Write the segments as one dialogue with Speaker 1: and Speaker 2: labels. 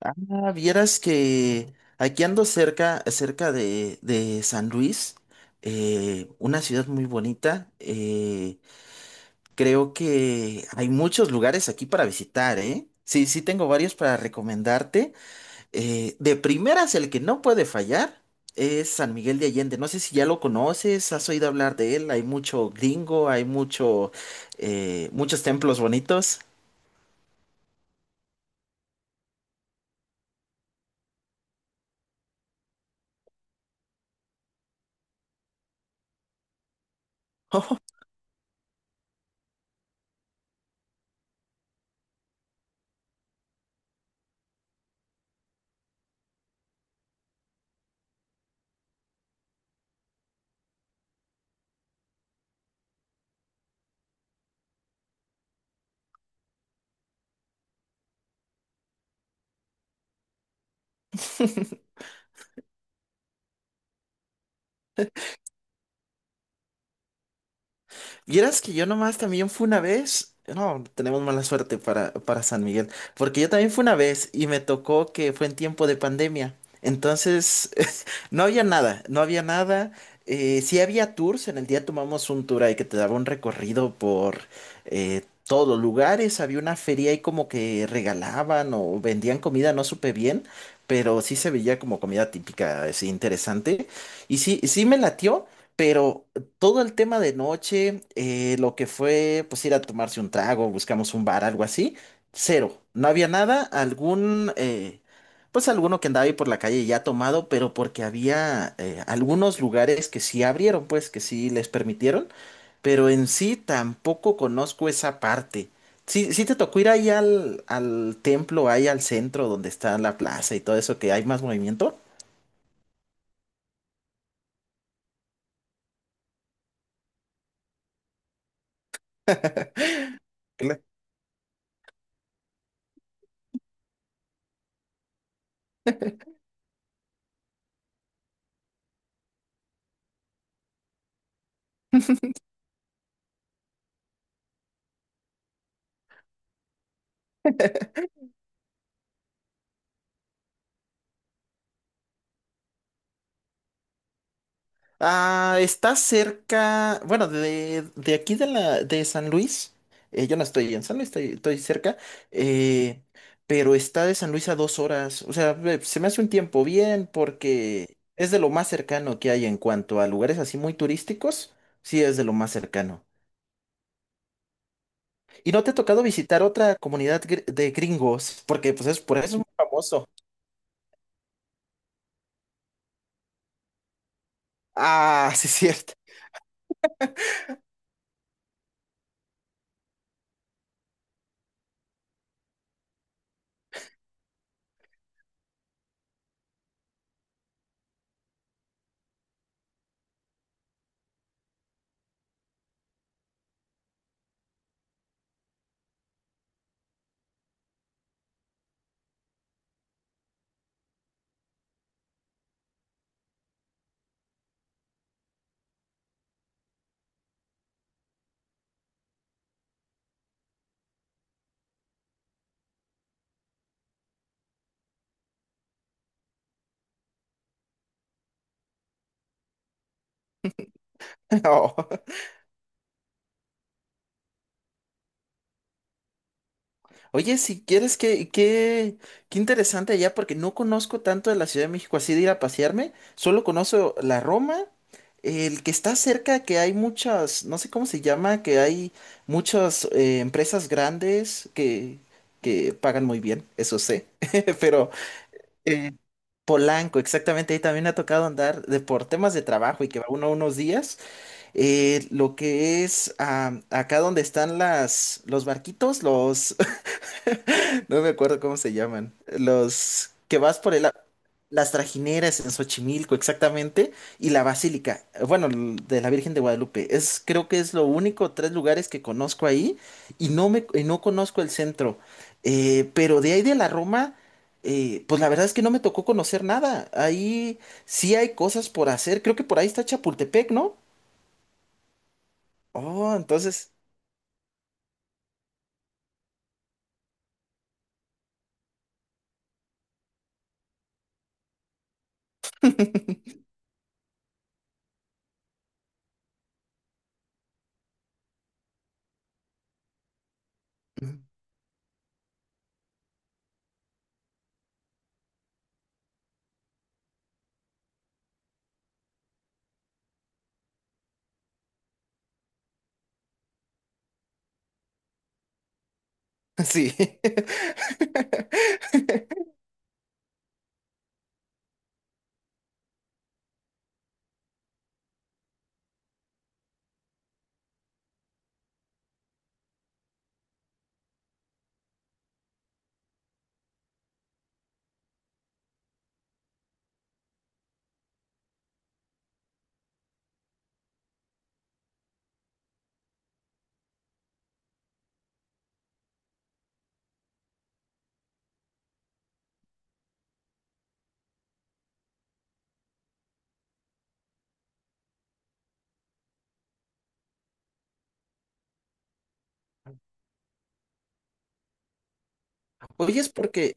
Speaker 1: Ah, vieras que aquí ando cerca, de San Luis, una ciudad muy bonita. Creo que hay muchos lugares aquí para visitar, ¿eh? Sí, sí tengo varios para recomendarte. De primeras, el que no puede fallar es San Miguel de Allende. No sé si ya lo conoces, has oído hablar de él. Hay mucho gringo, hay muchos templos bonitos. Vieras que yo nomás también fui una vez. No, tenemos mala suerte para San Miguel. Porque yo también fui una vez y me tocó que fue en tiempo de pandemia. Entonces, no había nada, no había nada. Sí había tours, en el día tomamos un tour ahí que te daba un recorrido por eh, todos los lugares. Había una feria ahí como que regalaban o vendían comida, no supe bien. Pero sí se veía como comida típica, así interesante. Y sí, sí me latió, pero todo el tema de noche, lo que fue pues ir a tomarse un trago, buscamos un bar, algo así, cero. No había nada, pues alguno que andaba ahí por la calle ya tomado, pero porque había algunos lugares que sí abrieron, pues que sí les permitieron, pero en sí tampoco conozco esa parte. Sí, sí te tocó ir ahí al, al templo, ahí al centro donde está la plaza y todo eso, que hay más movimiento. Ah, está cerca, bueno, de aquí de la de San Luis. Yo no estoy en San Luis, estoy, estoy cerca, eh, pero está de San Luis a 2 horas. O sea, ve, se me hace un tiempo bien porque es de lo más cercano que hay en cuanto a lugares así muy turísticos. Sí, es de lo más cercano. ¿Y no te ha tocado visitar otra comunidad de gringos? Porque pues es por eso es muy famoso. Ah, sí, es cierto. Oye, si quieres, qué interesante allá, porque no conozco tanto de la Ciudad de México así de ir a pasearme, solo conozco la Roma, el que está cerca, que hay muchas, no sé cómo se llama, que hay muchas empresas grandes que pagan muy bien, eso sé, pero eh, Polanco, exactamente, ahí también me ha tocado andar de, por temas de trabajo y que va uno unos días, lo que es acá donde están las, los barquitos, los no me acuerdo cómo se llaman. Los que vas por el... Las trajineras en Xochimilco, exactamente. Y la basílica, bueno, de la Virgen de Guadalupe. Es, creo que es lo único, tres lugares que conozco ahí. Y no conozco el centro. Pero de ahí de la Roma, pues la verdad es que no me tocó conocer nada. Ahí sí hay cosas por hacer. Creo que por ahí está Chapultepec, ¿no? Oh, entonces... Sí. Oye, es porque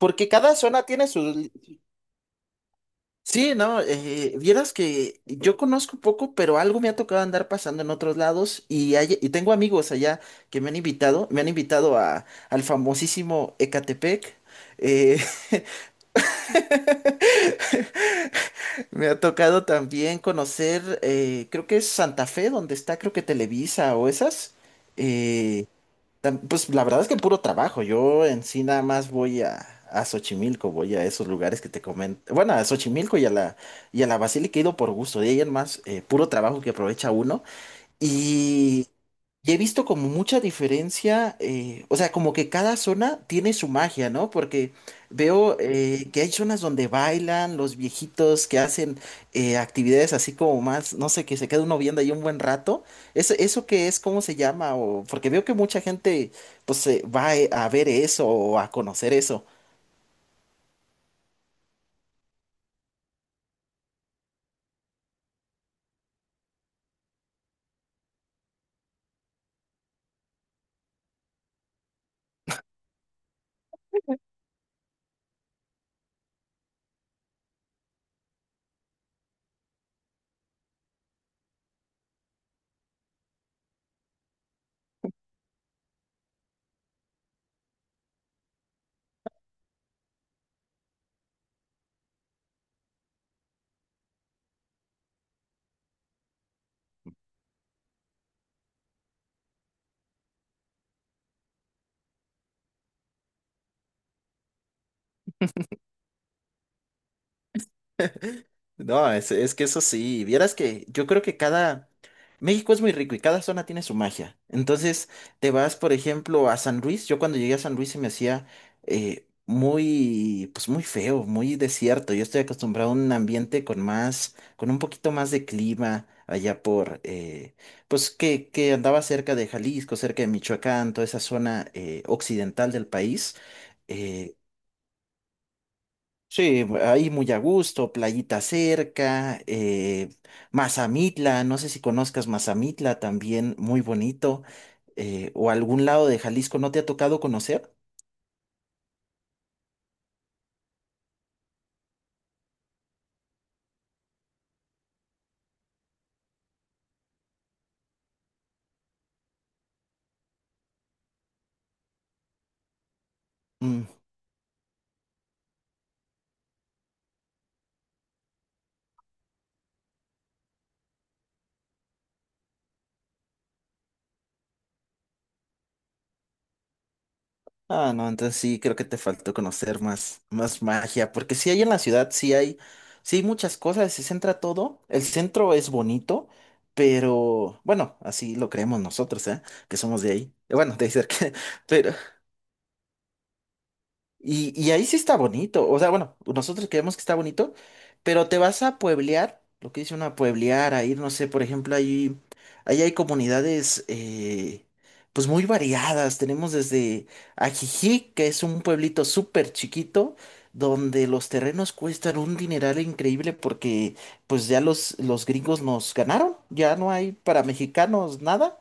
Speaker 1: porque cada zona tiene su... Sí, no, vieras que yo conozco poco, pero algo me ha tocado andar pasando en otros lados y y tengo amigos allá que me han invitado a, al famosísimo Ecatepec. eh, Me ha tocado también conocer, creo que es Santa Fe, donde está, creo que Televisa o esas. eh, Pues la verdad es que puro trabajo. Yo en sí nada más voy a Xochimilco, voy a esos lugares que te comento. Bueno, a Xochimilco y a la Basílica he ido por gusto. De ahí en más, puro trabajo que aprovecha uno. Y, y he visto como mucha diferencia, o sea, como que cada zona tiene su magia, ¿no? Porque veo que hay zonas donde bailan los viejitos que hacen actividades así como más, no sé, que se queda uno viendo ahí un buen rato. ¿Eso, eso qué es? ¿Cómo se llama? O, porque veo que mucha gente pues se va a ver eso o a conocer eso. No, es que eso sí, vieras que yo creo que cada... México es muy rico y cada zona tiene su magia. Entonces, te vas, por ejemplo, a San Luis. Yo cuando llegué a San Luis se me hacía muy, pues muy feo, muy desierto. Yo estoy acostumbrado a un ambiente con más, con un poquito más de clima allá por pues que andaba cerca de Jalisco, cerca de Michoacán, toda esa zona occidental del país. Eh, Sí, ahí muy a gusto, playita cerca, Mazamitla, no sé si conozcas Mazamitla también, muy bonito, o algún lado de Jalisco, ¿no te ha tocado conocer? Mm, ah, no, entonces sí, creo que te faltó conocer más, más magia, porque sí hay en la ciudad, sí hay muchas cosas, se centra todo, el centro es bonito, pero bueno, así lo creemos nosotros, ¿eh? Que somos de ahí, bueno, de ahí cerca, pero... Y, y ahí sí está bonito. O sea, bueno, nosotros creemos que está bonito, pero te vas a pueblear, lo que dice una pueblear, a ir, no sé, por ejemplo, ahí, ahí hay comunidades pues muy variadas. Tenemos desde Ajijic, que es un pueblito súper chiquito, donde los terrenos cuestan un dineral increíble porque pues ya los gringos nos ganaron, ya no hay para mexicanos nada.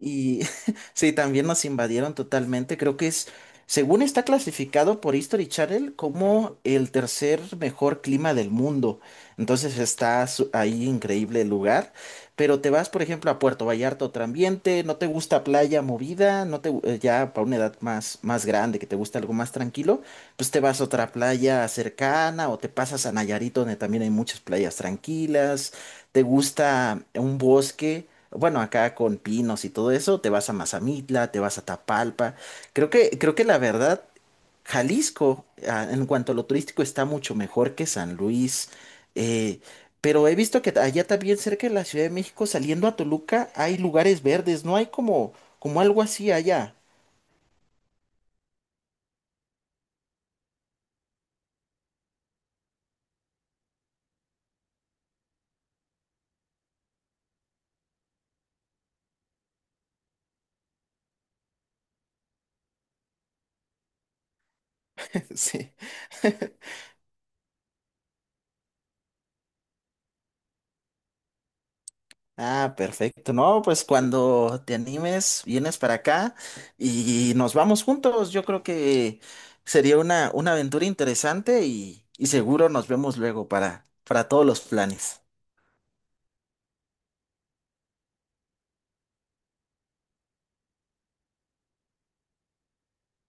Speaker 1: Y sí, también nos invadieron totalmente. Creo que es según está clasificado por History Channel como el tercer mejor clima del mundo. Entonces ahí increíble el lugar. Pero te vas, por ejemplo, a Puerto Vallarta, otro ambiente, no te gusta playa movida, no te, gu- ya para una edad más, más grande, que te gusta algo más tranquilo, pues te vas a otra playa cercana o te pasas a Nayarit, donde también hay muchas playas tranquilas. Te gusta un bosque, bueno, acá con pinos y todo eso, te vas a Mazamitla, te vas a Tapalpa. Creo que la verdad, Jalisco, ah, en cuanto a lo turístico, está mucho mejor que San Luis. eh, pero he visto que allá también cerca de la Ciudad de México, saliendo a Toluca, hay lugares verdes, no hay como, como algo así allá. Sí. Ah, perfecto. No, pues cuando te animes, vienes para acá y nos vamos juntos. Yo creo que sería una aventura interesante y seguro nos vemos luego para todos los planes.